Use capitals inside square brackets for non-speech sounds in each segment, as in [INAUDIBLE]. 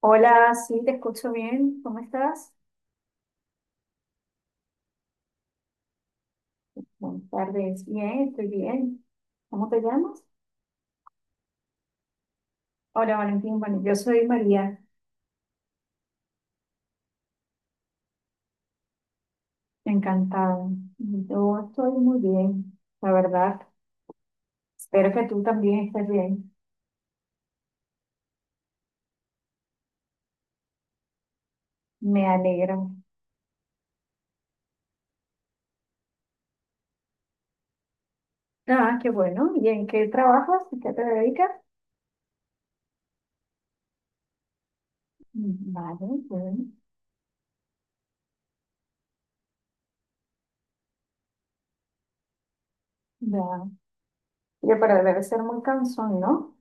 Hola, sí, te escucho bien. ¿Cómo estás? Buenas tardes. Bien, estoy bien. ¿Cómo te llamas? Hola, Valentín. Bueno, yo soy María. Encantada. Yo estoy muy bien, la verdad. Espero que tú también estés bien. Me alegro. Ah, qué bueno. ¿Y en qué trabajas? ¿En qué te dedicas? Mm, vale, bueno. Ya. Oye, pero debe ser muy cansón, ¿no?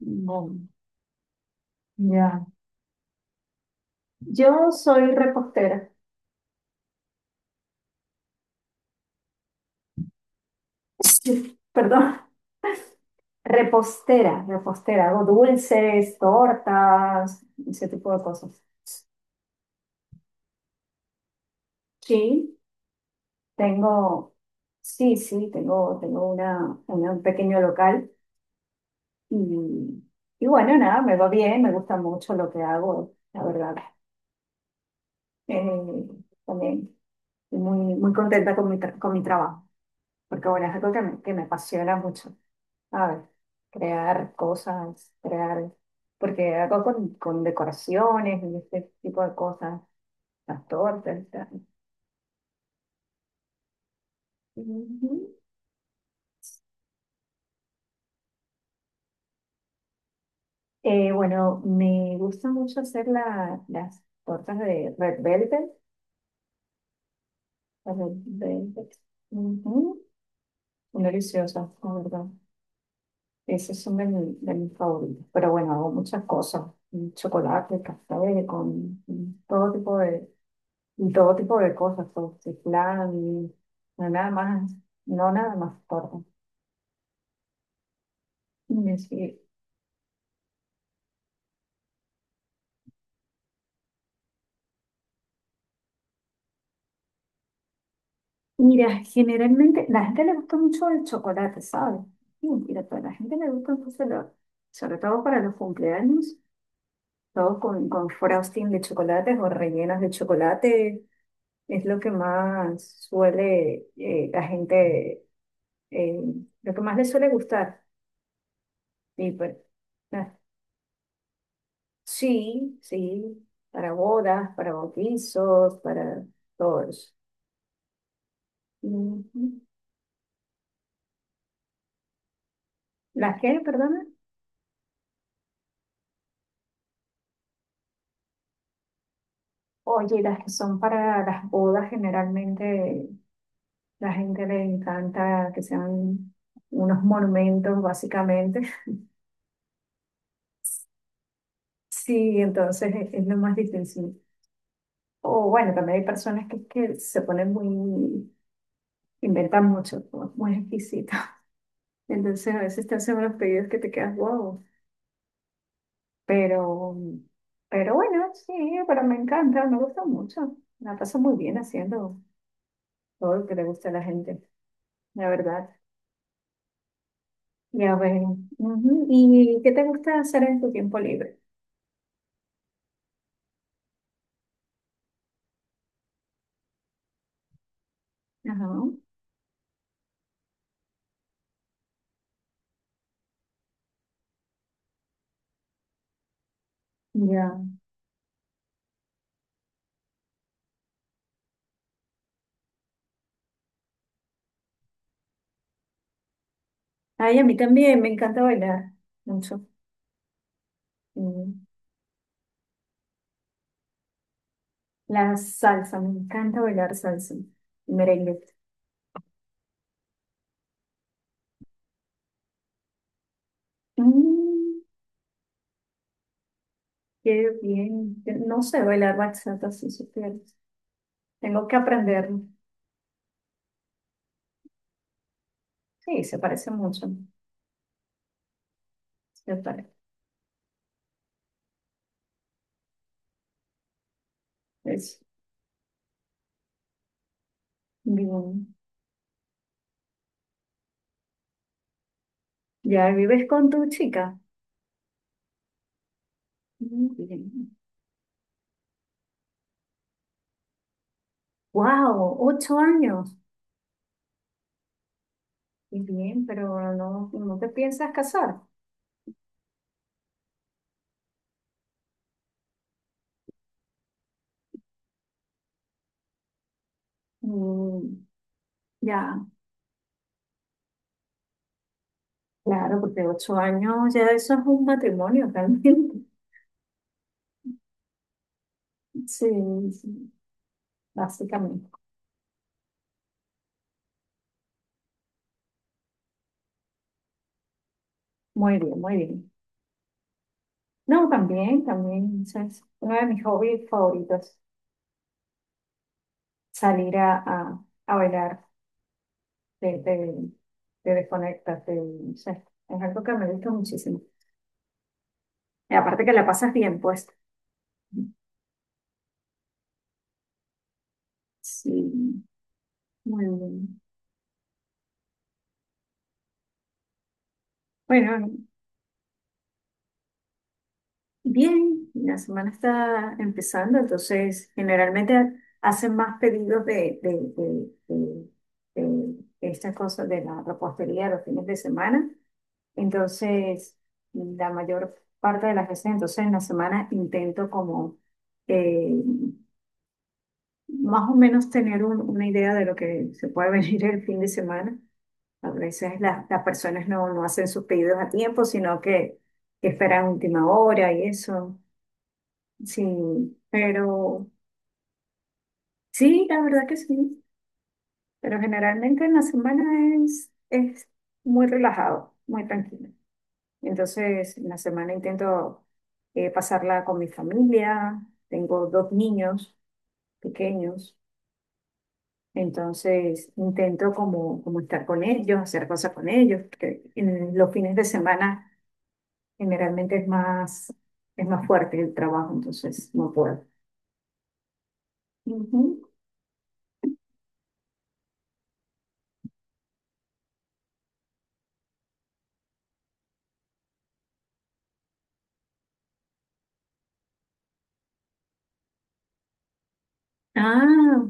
Bueno, ya. Yo soy repostera. [LAUGHS] Sí, perdón. Repostera, hago dulces, tortas, ese tipo de cosas. Sí, tengo, sí, sí, tengo una, un pequeño local y, y bueno, nada, me va bien, me gusta mucho lo que hago, la verdad. Eh, También estoy muy contenta con con mi trabajo, porque bueno, es algo que que me apasiona mucho. A ver, crear cosas, crear, porque hago con decoraciones y este tipo de cosas. Las tortas. Ujú. Bueno, me gusta mucho hacer las tortas de Red Velvet. Las Red Velvet. Ujú. Son deliciosas, la verdad. Esas son de mis favoritas. Pero bueno, hago muchas cosas. Con chocolate, café, con todo tipo de, y todo tipo de cosas. Todo, flan, no nada más, no nada más tortas. Mira, generalmente la gente le gusta mucho el chocolate, ¿sabes? Y mira, a la gente le gusta mucho, sobre todo para los cumpleaños, todo con frosting de chocolates o rellenos de chocolate, es lo que más suele la gente, eh, lo que más le suele gustar. Y pues, ah, sí, sí, para bodas, para bautizos, para todos. Ujú. ¿Las qué, perdona? Oye, las que son para las bodas, generalmente la gente le encanta que sean unos monumentos, básicamente. [LAUGHS] Sí, entonces es lo más difícil. O bueno, también hay personas que se ponen muy, inventan mucho, ¿no? Muy exquisito. [LAUGHS] Entonces a veces te hacen unos pedidos que te quedas wow. Pero, pero bueno, sí, pero me encanta, me gusta mucho. La paso muy bien haciendo todo lo que le gusta a la gente, la verdad. Ya veo. Ujú. ¿Y qué te gusta hacer en tu tiempo libre? Ajá. Ya. Ay, a mí también me encanta bailar mucho. Mm. La salsa, me encanta bailar salsa. Merengue. Mm, qué bien. Yo no sé bailar bachata, si supieras. Tengo que aprender. Sí, se parece mucho. Se parece. Es bien. ¿Ya vives con tu chica? Mm, bien. Wow, 8 años. Qué bien, pero no, no te piensas casar. Mm, ya, claro, porque 8 años ya eso es un matrimonio realmente. [LAUGHS] Sí, sí, básicamente. Muy bien, muy bien. No, también, también, eso es uno de mis hobbies favoritos, salir a bailar, te de desconectarte, no sé, es algo que me gusta muchísimo. Y aparte que la pasas bien, pues. Sí, muy bien. Bueno, bien, la semana está empezando, entonces generalmente hacen más pedidos de- de- de estas cosas de la repostería los fines de semana. Entonces, la mayor parte de las veces, entonces en la semana intento como eh, más o menos tener una idea de lo que se puede [LAUGHS] venir el fin de semana. A veces las personas no, no hacen sus pedidos a tiempo, sino que esperan última hora y eso. Sí, pero sí, la verdad que sí. Pero generalmente en la semana es muy relajado, muy tranquilo. Entonces, en la semana intento pasarla con mi familia. Tengo dos niños pequeños. Entonces, intento como estar con ellos, hacer cosas con ellos. Porque en los fines de semana generalmente es más fuerte el trabajo, entonces no puedo. Ujú. Ah,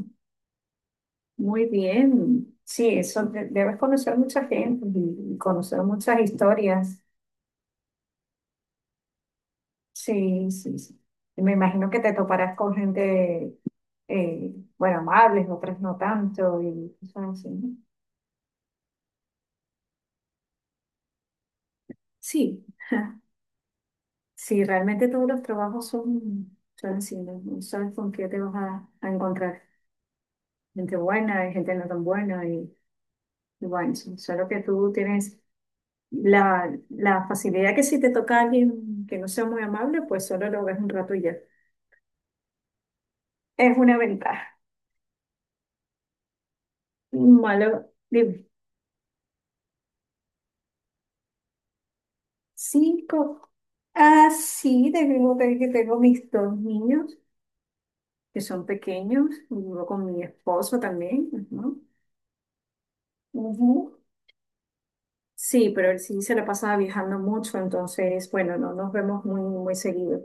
muy bien. Sí, debes conocer mucha gente y conocer muchas historias. Sí, sí, sí. Y me imagino que te toparás con gente, bueno, amables, otras no tanto y cosas así, ¿no? Sí, [LAUGHS] sí, realmente todos los trabajos son, son así, ¿no? No sabes con qué te vas a encontrar. Gente buena, y gente no tan buena y bueno, sí, solo que tú tienes. La facilidad que si te toca a alguien que no sea muy amable, pues solo lo ves un rato y ya. Es una ventaja. Malo, dime. Cinco. Ah, sí, tengo que tengo mis dos niños que son pequeños. Vivo con mi esposo también, ¿no? Ujú. Sí, pero él sí se la pasa viajando mucho, entonces, bueno, no nos vemos muy seguido,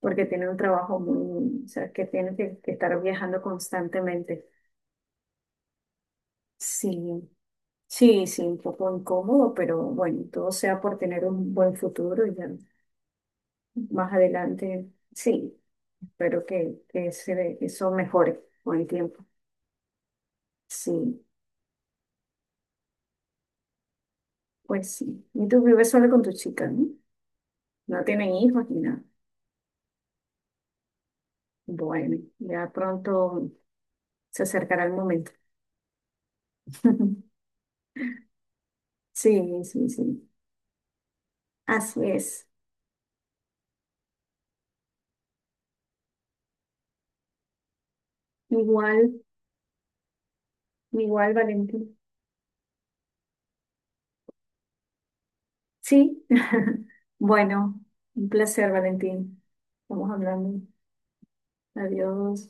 porque tiene un trabajo muy, o sea, que tiene que estar viajando constantemente. Sí. Sí, sí, un poco incómodo, pero bueno, todo sea por tener un buen futuro y ya más adelante, sí, espero que eso mejore con el tiempo. Sí, pues sí. Y tú vives solo con tu chica, ¿no? No tienen hijos ni nada. Bueno, ya pronto se acercará el momento. [LAUGHS] Sí, sí, sí. Así es. Igual, igual, Valentín. Sí. [LAUGHS] Bueno, un placer, Valentín. Estamos hablando. Adiós.